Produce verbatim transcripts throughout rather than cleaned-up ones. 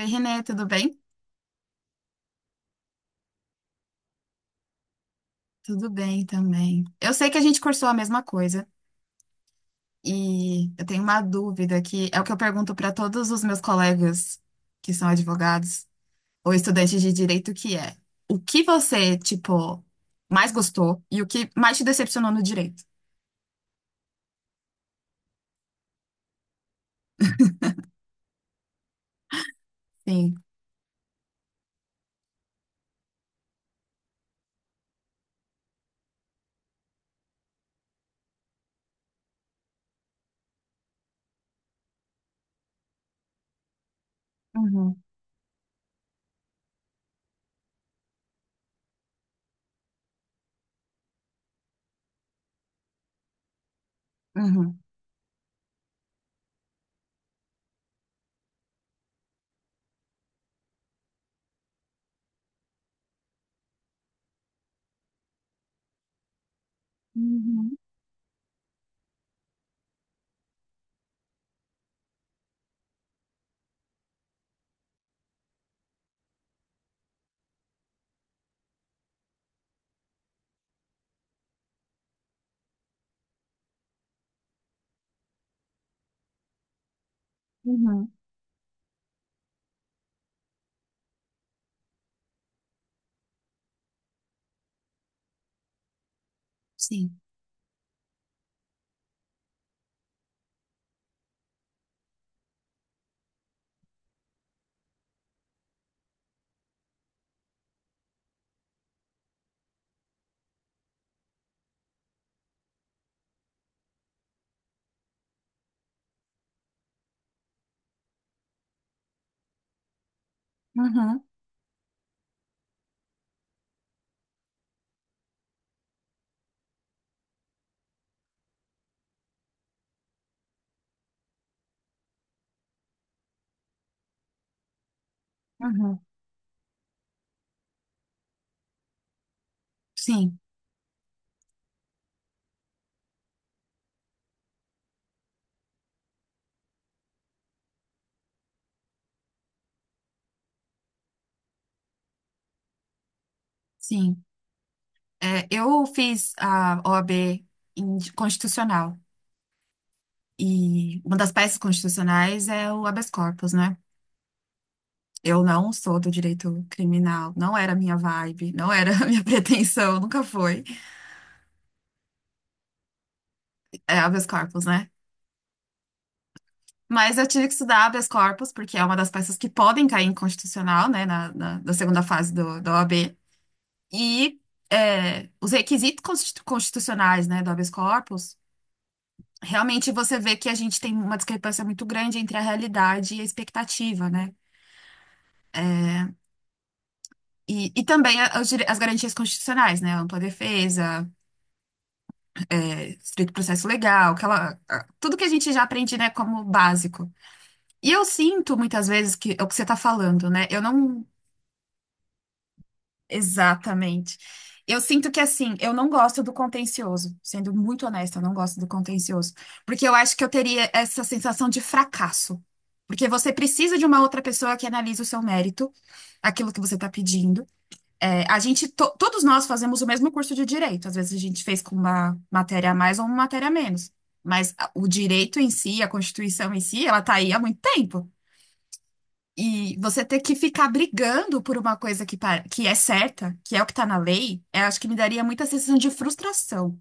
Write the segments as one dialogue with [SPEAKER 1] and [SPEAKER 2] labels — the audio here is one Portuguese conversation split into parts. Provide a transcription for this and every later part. [SPEAKER 1] Oi, Renê, tudo bem? Tudo bem também. Eu sei que a gente cursou a mesma coisa e eu tenho uma dúvida que é o que eu pergunto para todos os meus colegas que são advogados ou estudantes de direito, que é: o que você, tipo, mais gostou e o que mais te decepcionou no direito? Sim. Uhum. Uhum. Uhum. Uhum. Sim. Uhum. Uhum. Sim. Sim. É, eu fiz a O A B em constitucional. E uma das peças constitucionais é o habeas corpus, né? Eu não sou do direito criminal, não era a minha vibe, não era a minha pretensão, nunca foi. É habeas corpus, né? Mas eu tive que estudar habeas corpus, porque é uma das peças que podem cair inconstitucional, né, na, na, na segunda fase do, da O A B. E é, os requisitos constitu- constitucionais, né, do habeas corpus, realmente você vê que a gente tem uma discrepância muito grande entre a realidade e a expectativa, né? E, e também a- os dire- as garantias constitucionais, né? Ampla defesa, é, estrito processo legal, aquela, a- tudo que a gente já aprende, né, como básico. E eu sinto muitas vezes que é o que você está falando, né? Eu não. Exatamente. Eu sinto que, assim, eu não gosto do contencioso. Sendo muito honesta, eu não gosto do contencioso. Porque eu acho que eu teria essa sensação de fracasso. Porque você precisa de uma outra pessoa que analise o seu mérito, aquilo que você está pedindo. É, a gente, to- todos nós fazemos o mesmo curso de direito. Às vezes a gente fez com uma matéria a mais ou uma matéria a menos. Mas a- o direito em si, a Constituição em si, ela tá aí há muito tempo. E você ter que ficar brigando por uma coisa que, pa- que é certa, que é o que tá na lei, eu acho que me daria muita sensação de frustração.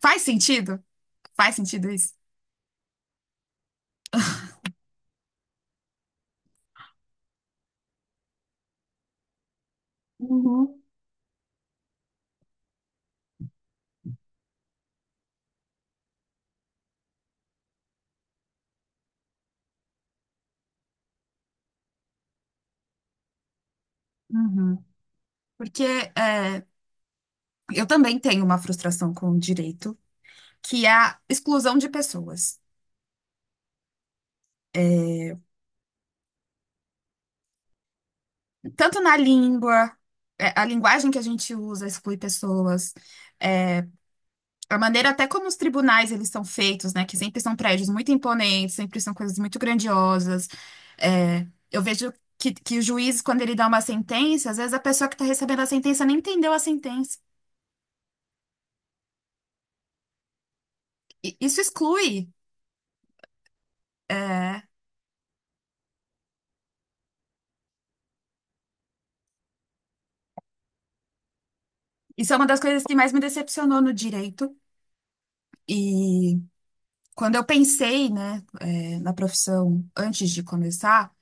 [SPEAKER 1] Faz sentido? Faz sentido isso? Uhum. Porque é, eu também tenho uma frustração com o direito, que é a exclusão de pessoas. Tanto na língua, é, a linguagem que a gente usa exclui pessoas, é, a maneira até como os tribunais eles são feitos, né? Que sempre são prédios muito imponentes, sempre são coisas muito grandiosas. É, eu vejo que, que o juiz, quando ele dá uma sentença, às vezes a pessoa que está recebendo a sentença nem entendeu a sentença. E isso exclui. É, isso é uma das coisas que mais me decepcionou no direito. E quando eu pensei, né, é, na profissão antes de começar,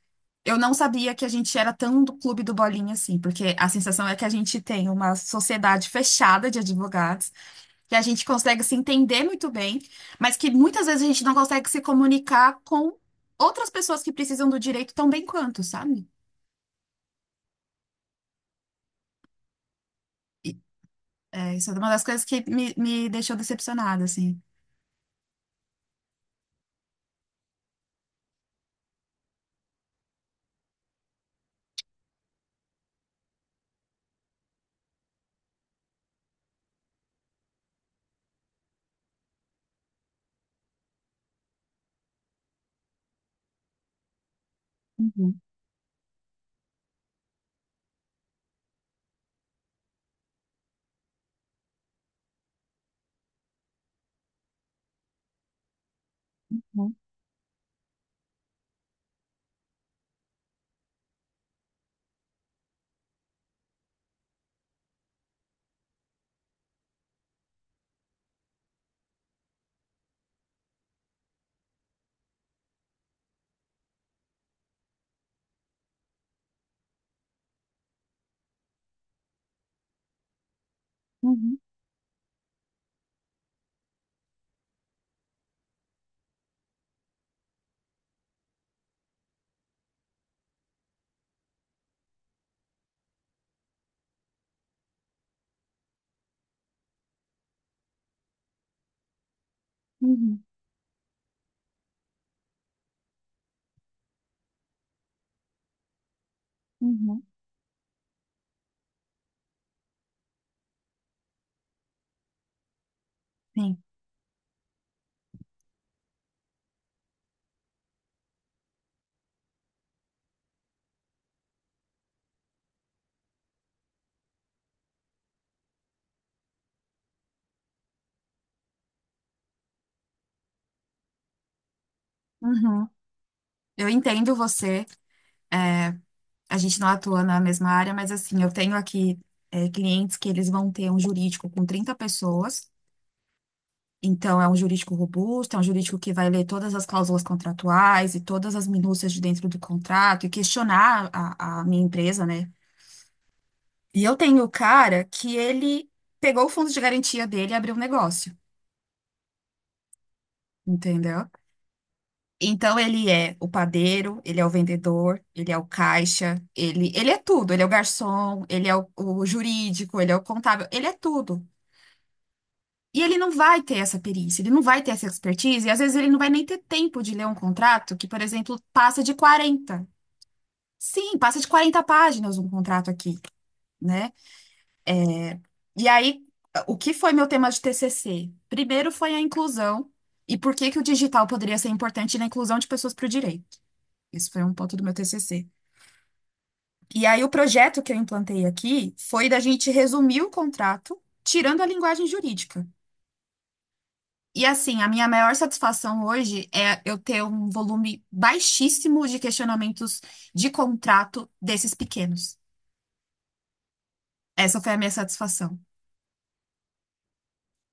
[SPEAKER 1] eu não sabia que a gente era tão do clube do bolinha assim, porque a sensação é que a gente tem uma sociedade fechada de advogados, que a gente consegue se entender muito bem, mas que muitas vezes a gente não consegue se comunicar com outras pessoas que precisam do direito tão bem quanto, sabe? E, é, isso é uma das coisas que me, me deixou decepcionada, assim. Uhum. Uhum. Uhum. Uhum. Sim. Uhum. Eu entendo você. É, a gente não atua na mesma área, mas assim, eu tenho aqui é, clientes que eles vão ter um jurídico com trinta pessoas, então é um jurídico robusto, é um jurídico que vai ler todas as cláusulas contratuais e todas as minúcias de dentro do contrato e questionar a, a minha empresa, né? E eu tenho o cara que ele pegou o fundo de garantia dele e abriu um negócio, entendeu? Então ele é o padeiro, ele é o vendedor, ele é o caixa, ele, ele é tudo, ele é o garçom, ele é o, o jurídico, ele é o contábil, ele é tudo. E ele não vai ter essa perícia, ele não vai ter essa expertise, e às vezes ele não vai nem ter tempo de ler um contrato que, por exemplo, passa de quarenta. Sim, passa de quarenta páginas um contrato aqui, né? É, e aí, o que foi meu tema de T C C? Primeiro foi a inclusão e por que que o digital poderia ser importante na inclusão de pessoas para o direito. Isso foi um ponto do meu T C C. E aí, o projeto que eu implantei aqui foi da gente resumir o contrato, tirando a linguagem jurídica. E assim, a minha maior satisfação hoje é eu ter um volume baixíssimo de questionamentos de contrato desses pequenos. Essa foi a minha satisfação.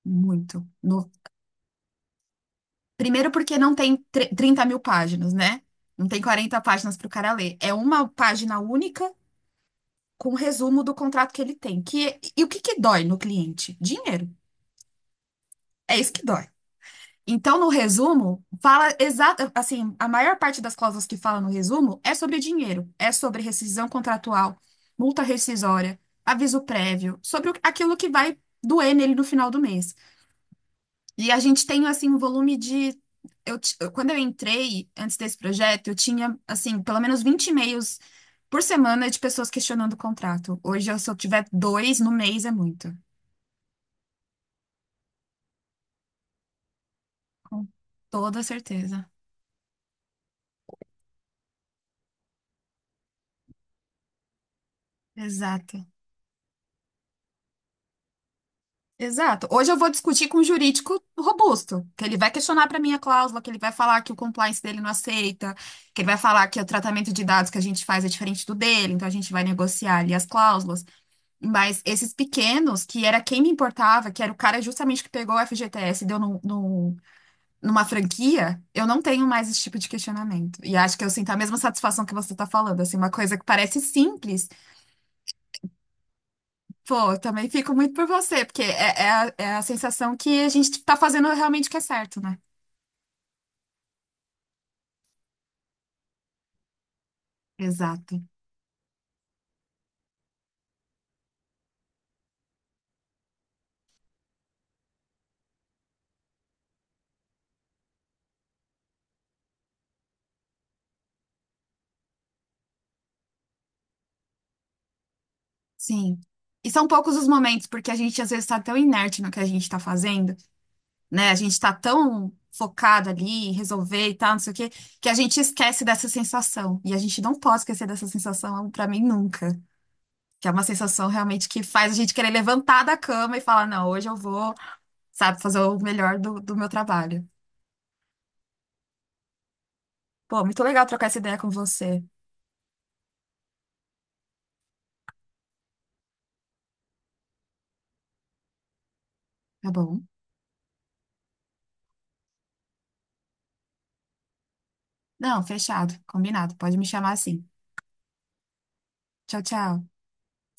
[SPEAKER 1] Muito. No- Primeiro porque não tem tre- 30 mil páginas, né? Não tem quarenta páginas para o cara ler. É uma página única com resumo do contrato que ele tem. Que... E o que que dói no cliente? Dinheiro. É isso que dói. Então, no resumo, fala exato, assim, a maior parte das cláusulas que fala no resumo é sobre dinheiro, é sobre rescisão contratual, multa rescisória, aviso prévio, sobre o- aquilo que vai doer nele no final do mês. E a gente tem assim um volume de eu, ti- eu- quando eu entrei antes desse projeto, eu tinha assim, pelo menos vinte e-mails por semana de pessoas questionando o contrato. Hoje, eu- se eu tiver dois no mês é muito. Com toda certeza. Exato. Exato. Hoje eu vou discutir com um jurídico robusto, que ele vai questionar para mim a cláusula, que ele vai falar que o compliance dele não aceita, que ele vai falar que o tratamento de dados que a gente faz é diferente do dele, então a gente vai negociar ali as cláusulas. Mas esses pequenos, que era quem me importava, que era o cara justamente que pegou o F G T S e deu no, no- numa franquia, eu não tenho mais esse tipo de questionamento. E acho que eu sinto a mesma satisfação que você está falando, assim, uma coisa que parece simples. Pô, eu também fico muito por você, porque é, é a, é a sensação que a gente tá fazendo realmente o que é certo, né? Exato. Sim. E são poucos os momentos, porque a gente às vezes tá tão inerte no que a gente tá fazendo, né? A gente tá tão focado ali, em resolver e tal, não sei o quê, que a gente esquece dessa sensação. E a gente não pode esquecer dessa sensação, pra mim, nunca. Que é uma sensação realmente que faz a gente querer levantar da cama e falar, não, hoje eu vou, sabe, fazer o melhor do, do meu trabalho. Pô, muito legal trocar essa ideia com você. Tá bom. Não, fechado, combinado. Pode me chamar assim. Tchau, tchau.